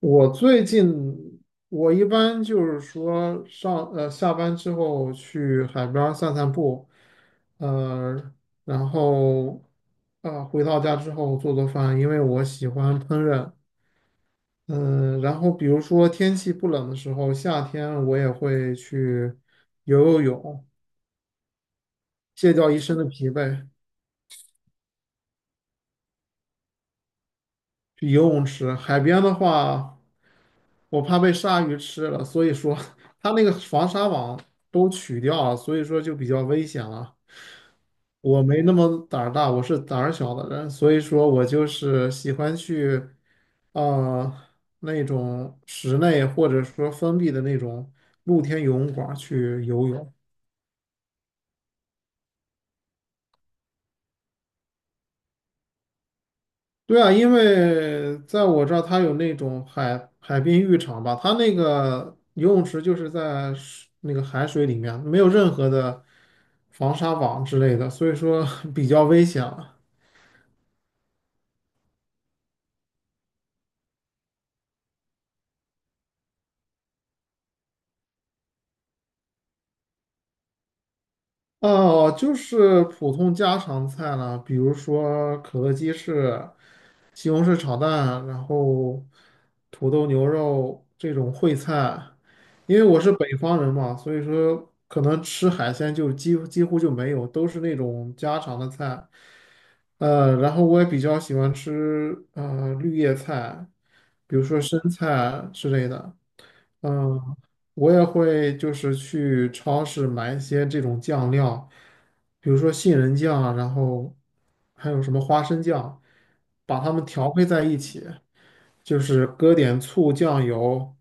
我最近我一般就是说下班之后去海边儿散散步，呃，然后回到家之后做做饭，因为我喜欢烹饪。嗯、然后比如说天气不冷的时候，夏天我也会去游游泳，卸掉一身的疲惫。去游泳池。海边的话，我怕被鲨鱼吃了，所以说它那个防鲨网都取掉了，所以说就比较危险了。我没那么胆儿大，我是胆儿小的人，所以说我就是喜欢去，呃，那种室内或者说封闭的那种露天游泳馆去游泳。对啊，因为在我这儿，它有那种海滨浴场吧，它那个游泳池就是在水那个海水里面，没有任何的防沙网之类的，所以说 比较危险。哦，就是普通家常菜了，比如说可乐鸡翅、西红柿炒蛋，然后土豆牛肉这种烩菜。因为我是北方人嘛，所以说可能吃海鲜就几乎就没有，都是那种家常的菜。然后我也比较喜欢吃绿叶菜，比如说生菜之类的。嗯，我也会就是去超市买一些这种酱料，比如说杏仁酱啊，然后还有什么花生酱，把它们调配在一起。就是搁点醋、酱油，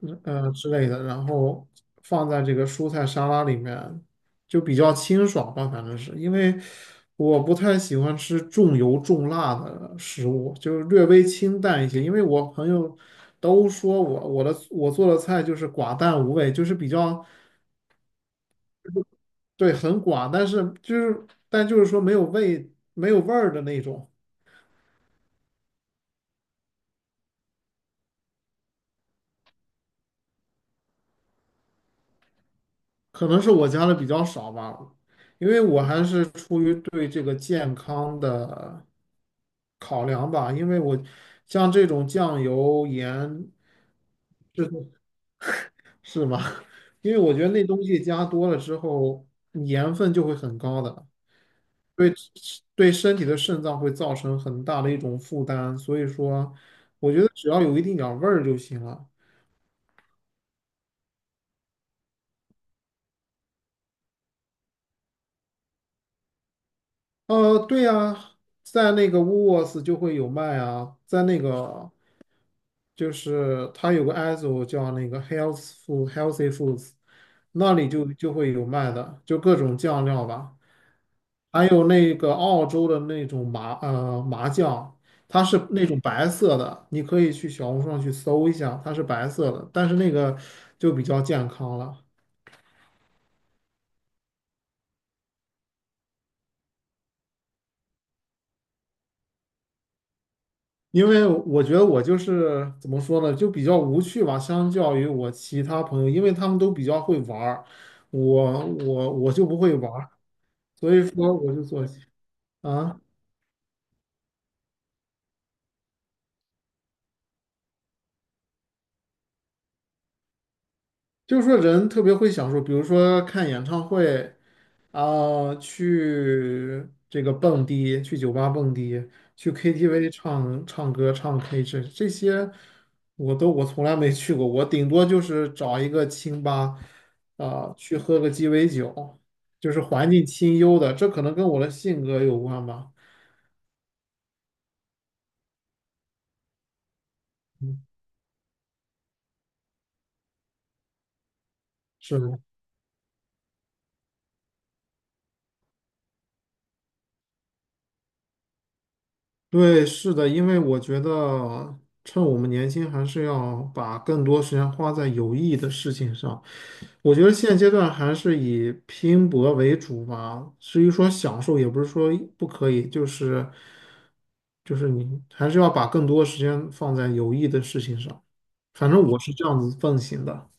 之类的，然后放在这个蔬菜沙拉里面，就比较清爽吧。反正是因为我不太喜欢吃重油重辣的食物，就是略微清淡一些。因为我朋友都说我做的菜就是寡淡无味，就是比较。对，很寡，但是就是但就是说没有味儿的那种。可能是我加的比较少吧，因为我还是出于对这个健康的考量吧，因为我像这种酱油、盐。是吧？因为我觉得那东西加多了之后，盐分就会很高的。对。对身体的肾脏会造成很大的一种负担，所以说，我觉得只要有一定点儿味儿就行了。对呀，在那个 w o o 就会有卖啊，在那个。就是它有个 ISO 叫那个 Health Food Healthy Foods，那里就会有卖的，就各种酱料吧，还有那个澳洲的那种麻酱，它是那种白色的，你可以去小红书上去搜一下，它是白色的，但是那个就比较健康了。因为我觉得我就是怎么说呢，就比较无趣吧，相较于我其他朋友，因为他们都比较会玩儿，我就不会玩儿，所以说我就做。啊，就是说人特别会享受，比如说看演唱会啊，去这个蹦迪，去酒吧蹦迪，去 KTV 唱唱歌、唱 K 这些，我从来没去过，我顶多就是找一个清吧啊，去喝个鸡尾酒，就是环境清幽的，这可能跟我的性格有关吧。嗯，是。对，是的，因为我觉得趁我们年轻，还是要把更多时间花在有意义的事情上。我觉得现阶段还是以拼搏为主吧。至于说享受，也不是说不可以，就是你还是要把更多时间放在有意义的事情上。反正我是这样子奉行的。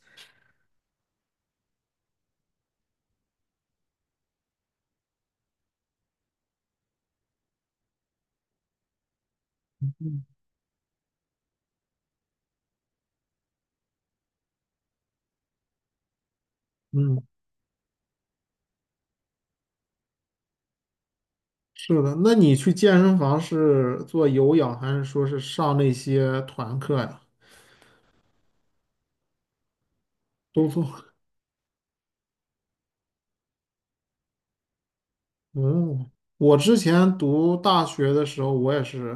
嗯，是的。那你去健身房是做有氧，还是说是上那些团课呀？都做。哦，我之前读大学的时候，我也是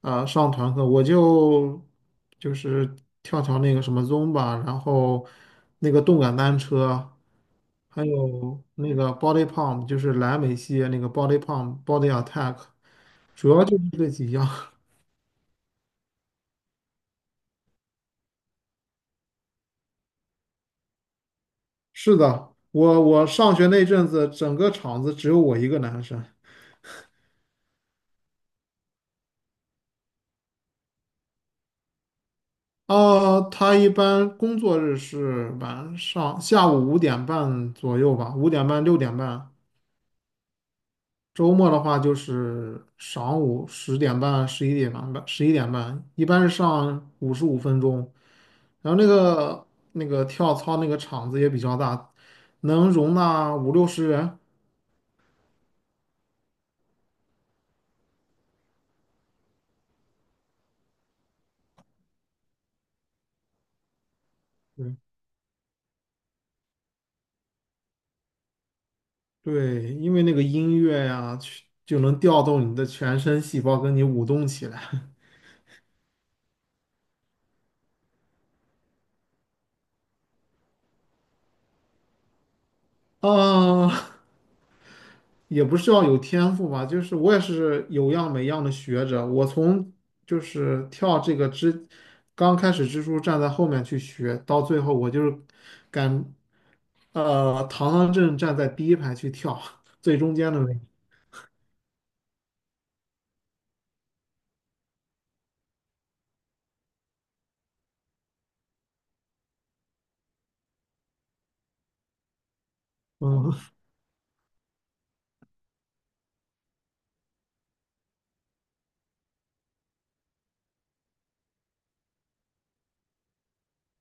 上团课，我就是跳跳那个什么 z o m b a， 然后那个动感单车，还有那个 Body Pump，就是莱美系列那个 Body Pump、Body Attack，主要就是这几样。是的，我上学那阵子，整个厂子只有我一个男生。啊，他一般工作日是晚上下午五点半左右吧，五点半6:30。周末的话就是晌午10:30、十一点半，一般是上55分钟。然后那个跳操那个场子也比较大，能容纳五六十人。对对，因为那个音乐呀，去就能调动你的全身细胞，跟你舞动起来。啊，也不是要有天赋吧，就是我也是有样没样的学着。我从就是跳这个支，刚开始蜘蛛站在后面去学，到最后我就是敢，堂堂正正站在第一排去跳，最中间的位置。嗯，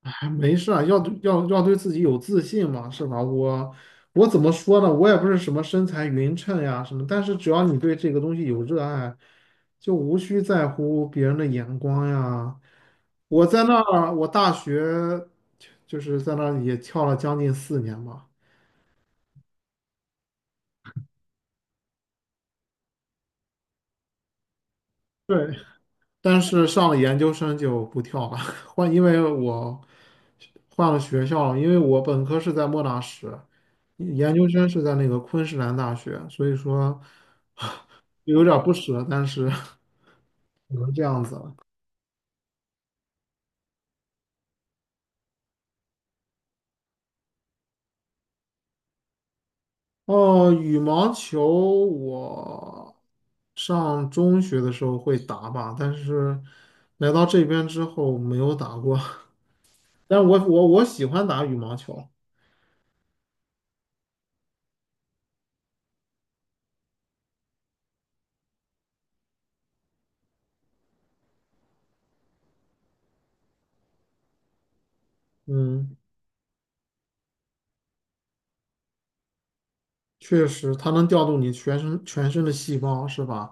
哎没事啊，要对自己有自信嘛，是吧？我怎么说呢？我也不是什么身材匀称呀什么，但是只要你对这个东西有热爱，就无需在乎别人的眼光呀。我在那儿，我大学就是在那儿也跳了将近4年吧。对，但是上了研究生就不跳了，换，因为我换了学校了，因为我本科是在莫纳什，研究生是在那个昆士兰大学，所以说 有点儿不舍，但是 只能这样子了。哦，羽毛球我上中学的时候会打吧，但是来到这边之后没有打过，但我喜欢打羽毛球。嗯。确实，它能调动你全身的细胞，是吧？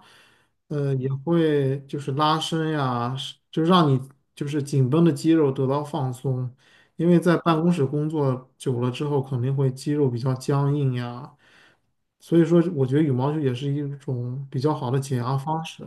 也会就是拉伸呀，是就让你就是紧绷的肌肉得到放松，因为在办公室工作久了之后，肯定会肌肉比较僵硬呀。所以说，我觉得羽毛球也是一种比较好的解压方式。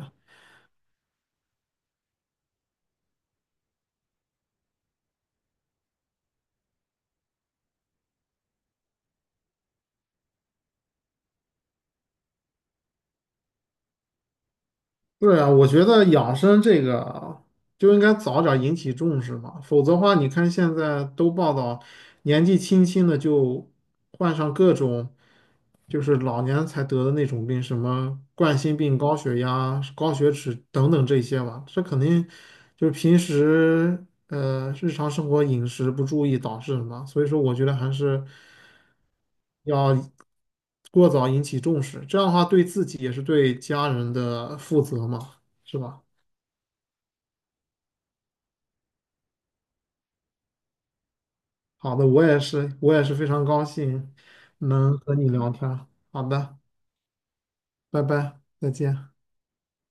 对啊，我觉得养生这个就应该早点引起重视嘛。否则的话，你看现在都报道年纪轻轻的就患上各种就是老年才得的那种病，什么冠心病、高血压、高血脂等等这些吧，这肯定就是平时日常生活饮食不注意导致的嘛，所以说我觉得还是要过早引起重视，这样的话对自己也是对家人的负责嘛，是吧？好的，我也是，我也是非常高兴能和你聊天儿。好的，拜拜，再见。